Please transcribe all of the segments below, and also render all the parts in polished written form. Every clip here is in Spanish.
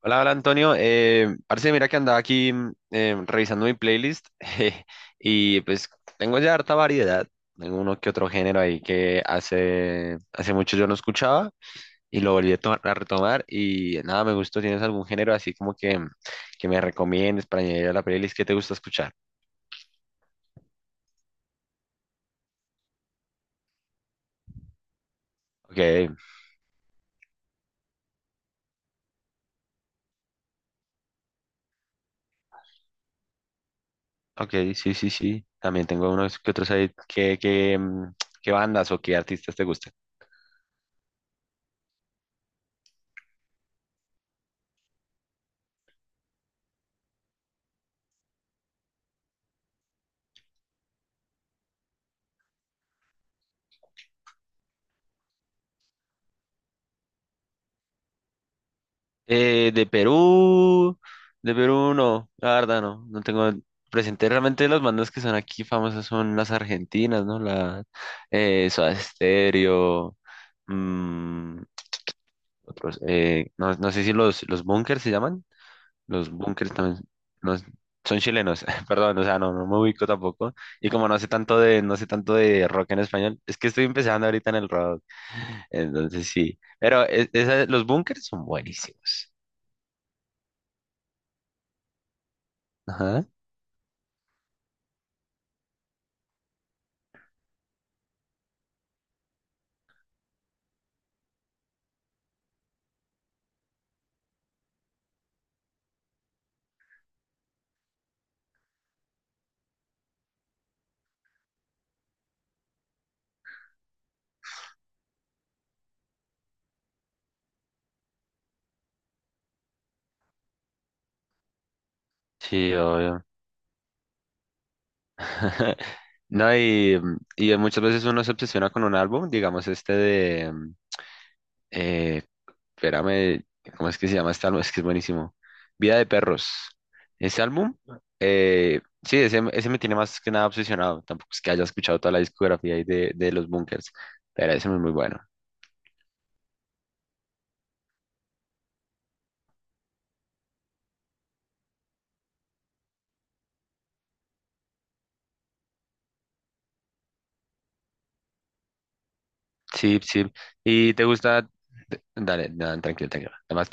Hola, Antonio. Parce, mira que andaba aquí revisando mi playlist y pues tengo ya harta variedad. Tengo uno que otro género ahí que hace mucho yo no escuchaba y lo volví a retomar y nada, me gustó. ¿Tienes algún género así como que, que me recomiendes para añadir a la playlist que te gusta escuchar? Ok, ok, sí, sí, sí. También tengo unos que otros ahí que qué bandas o qué artistas te gustan. Eh, de Perú, de Perú no, la verdad no, no tengo presente. Realmente las bandas que son aquí famosas son las argentinas, ¿no? La Soda Stereo, mm, otros, no, no sé si los Bunkers se llaman, los Bunkers también, no, son chilenos, perdón, o sea, no, no me ubico tampoco. Y como no sé tanto de, no sé tanto de rock en español, es que estoy empezando ahorita en el rock, entonces sí. Pero los Bunkers son buenísimos. Sí, obvio. No, y muchas veces uno se obsesiona con un álbum, digamos este de, eh, espérame, ¿cómo es que se llama este álbum? Es que es buenísimo. Vida de Perros. Ese álbum, sí, ese me tiene más que nada obsesionado. Tampoco es que haya escuchado toda la discografía ahí de los Bunkers, pero ese es muy bueno. Sí, sí. ¿Y te gusta? Dale, no, tranquilo, tranquilo. Además,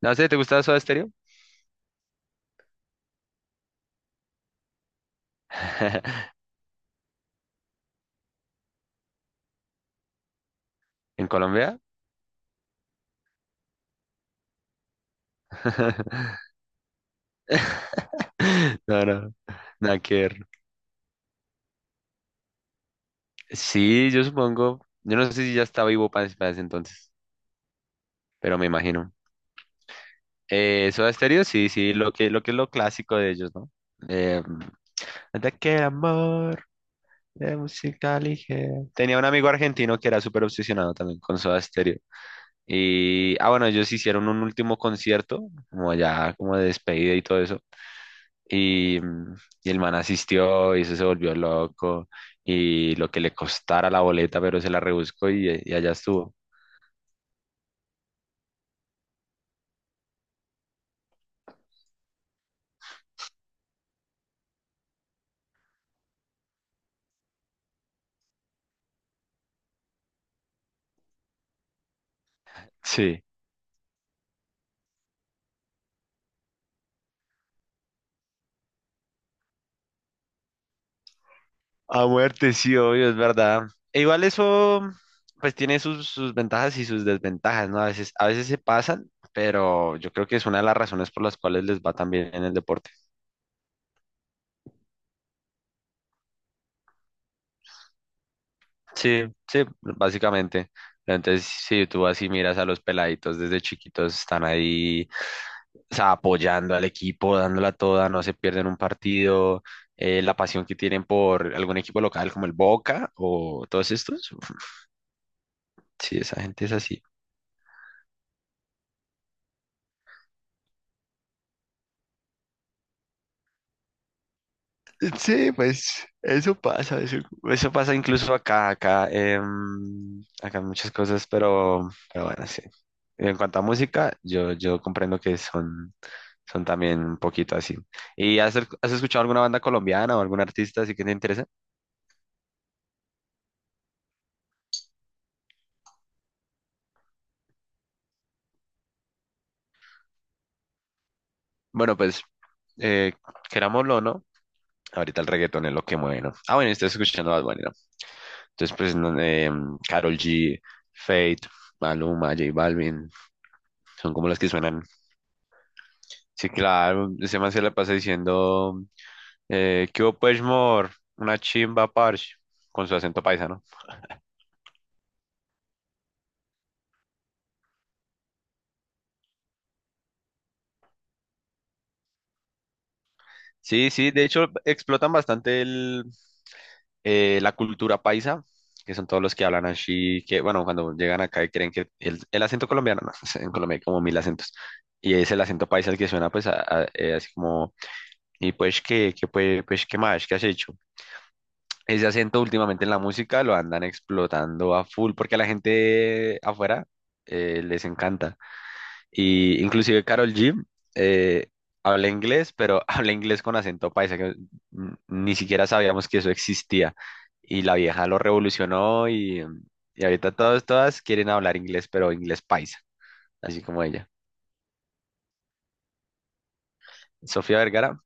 no sé, ¿te gusta Soda Stereo? ¿En Colombia? No, no, nada que ver. Sí, yo supongo. Yo no sé si ya estaba vivo para ese entonces, pero me imagino. Soda Stereo, sí, sí, lo que es lo clásico de ellos, ¿no? Eh, de aquel amor, de música ligera. Tenía un amigo argentino que era súper obsesionado también con Soda Stereo. Y, ah, bueno, ellos hicieron un último concierto, como ya, como de despedida y todo eso. Y, mm, y el man asistió y eso se volvió loco y lo que le costara la boleta, pero se la rebuscó y allá estuvo. Sí. A muerte, sí, obvio, es verdad. E igual eso, pues tiene sus, sus ventajas y sus desventajas, ¿no? A veces se pasan, pero yo creo que es una de las razones por las cuales les va tan bien en el deporte. Sí, sí, básicamente. Entonces, si tú así miras a los peladitos desde chiquitos, están ahí, o sea, apoyando al equipo, dándola toda, no se pierden un partido, la pasión que tienen por algún equipo local como el Boca o todos estos, uf, sí, esa gente es así. Sí, pues eso pasa, eso pasa incluso acá, acá hay muchas cosas, pero bueno, sí. En cuanto a música, yo comprendo que son son también un poquito así. ¿Y has, has escuchado alguna banda colombiana o algún artista así que te interesa? Bueno, pues, eh, querámoslo o no, ahorita el reggaetón es lo que mueve, ¿no? Ah, bueno, estás escuchando Bad Bunny, ¿no? Entonces, pues, no, Karol G, Fate, Maluma, J Balvin, son como las que suenan. Sí, claro, ese man se la pasa diciendo, ¿qué hubo, pues, mor? Una chimba, parche, con su acento paisano. Sí, sí, de hecho, explotan bastante el la cultura paisa, que son todos los que hablan así, que bueno, cuando llegan acá y creen que el acento colombiano, no, en Colombia hay como mil acentos, y es el acento paisa el que suena pues así como, y pues pues qué más, qué has hecho. Ese acento últimamente en la música lo andan explotando a full, porque a la gente afuera les encanta. Y inclusive Carol G eh, habla inglés, pero habla inglés con acento paisa, que mm, ni siquiera sabíamos que eso existía. Y la vieja lo revolucionó y ahorita todas quieren hablar inglés, pero inglés paisa, así como ella. Sofía Vergara,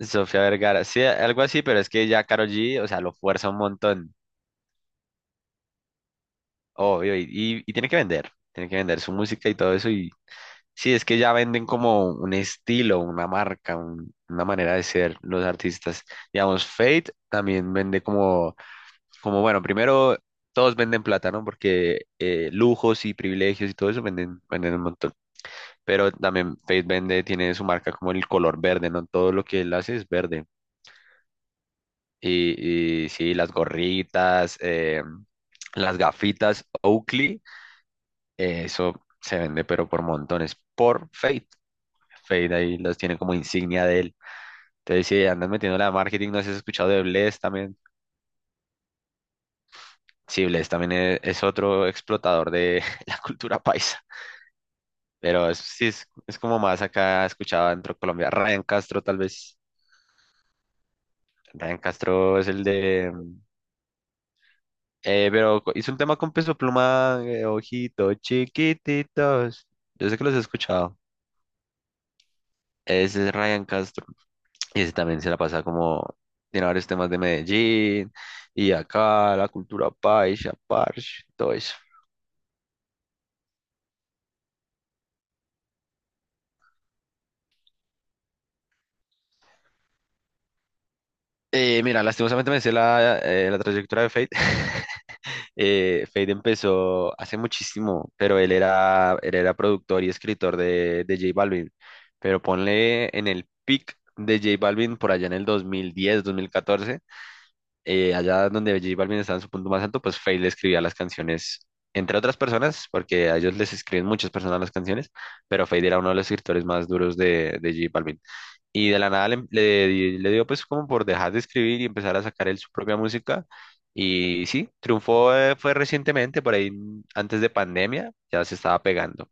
Sofía Vergara, sí, algo así, pero es que ya Karol G, o sea, lo fuerza un montón, obvio, y, y tiene que vender su música y todo eso y, sí, es que ya venden como un estilo, una marca, una manera de ser los artistas. Digamos, Fate también vende como, como bueno, primero todos venden plata, ¿no? Porque lujos y privilegios y todo eso venden, venden un montón. Pero también Fate vende, tiene su marca como el color verde, ¿no? Todo lo que él hace es verde. Y sí, las gorritas, las gafitas Oakley, eso se vende, pero por montones, por Fate. Fade ahí los tiene como insignia de él. Entonces, si andas metiendo la marketing, no sé si has escuchado de Bless también. Sí, Bless también es, otro explotador de la cultura paisa. Pero sí, es como más acá escuchado dentro de Colombia. Ryan Castro, tal vez. Ryan Castro es el de hizo un tema con Peso Pluma, ojitos chiquititos. Yo sé que los he escuchado. Ese es Ryan Castro. Y ese también se la pasa como, tiene varios temas de Medellín y acá, la cultura paisa, parche, todo eso. Mira, lastimosamente me sé la, la trayectoria de Fate. Fate empezó hace muchísimo, pero él era productor y escritor de J Balvin. Pero ponle en el peak de J Balvin por allá en el 2010, 2014. Eh, allá donde J Balvin estaba en su punto más alto, pues Feid le escribía las canciones, entre otras personas, porque a ellos les escriben muchas personas las canciones, pero Feid era uno de los escritores más duros de J Balvin. Y de la nada le dio pues como por dejar de escribir y empezar a sacar él su propia música. Y sí, triunfó, fue recientemente, por ahí mm, antes de pandemia, ya se estaba pegando.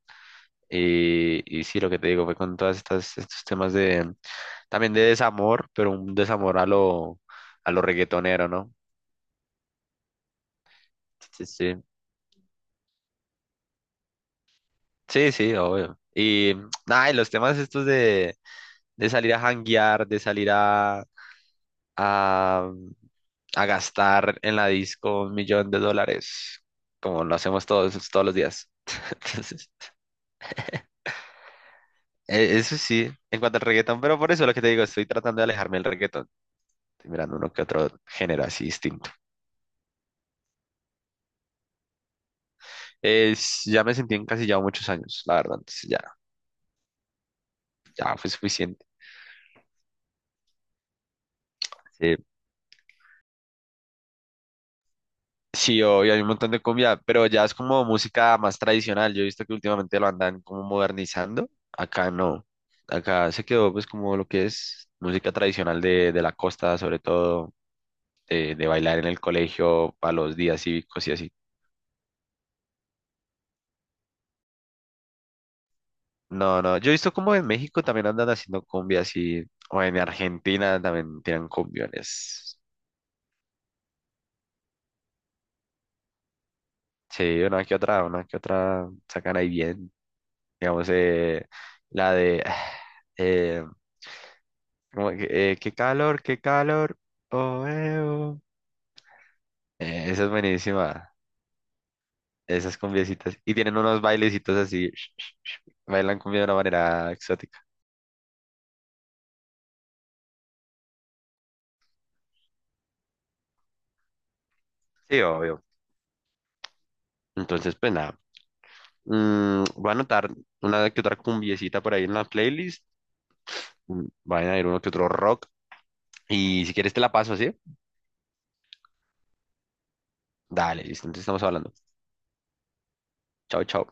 Y sí, lo que te digo fue con todas estos temas también de desamor, pero un desamor a lo reggaetonero, ¿no? Sí, sí, sí, sí, obvio. Y mm, nada, y los temas estos de salir a janguear, de salir a, mm, a gastar en la disco un millón de dólares, como lo hacemos todos, todos los días. Entonces, eso sí, en cuanto al reggaetón, pero por eso lo que te digo, estoy tratando de alejarme del reggaetón, estoy mirando uno que otro género así distinto. Es, ya me sentí encasillado muchos años, la verdad, entonces ya, ya fue suficiente. Sí, sí, obvio, hay un montón de cumbia, pero ya es como música más tradicional. Yo he visto que últimamente lo andan como modernizando. Acá no. Acá se quedó pues como lo que es música tradicional de la costa, sobre todo de bailar en el colegio para los días cívicos y así. No, no, yo he visto como en México también andan haciendo cumbia así, o en Argentina también tienen cumbiones. Sí, una que otra sacan ahí bien. Digamos, la de... eh, como que, qué calor, qué calor. Oh, oh. Esa es buenísima. Esas cumbiecitas. Y tienen unos bailecitos así. Bailan cumbia de una manera exótica. Sí, obvio. Entonces, pues nada. Mm, voy a anotar una que otra cumbiecita por ahí en la playlist. Mm, vayan a ir uno que otro rock. Y si quieres te la paso, ¿sí? Dale, listo. Entonces estamos hablando. Chao, chao.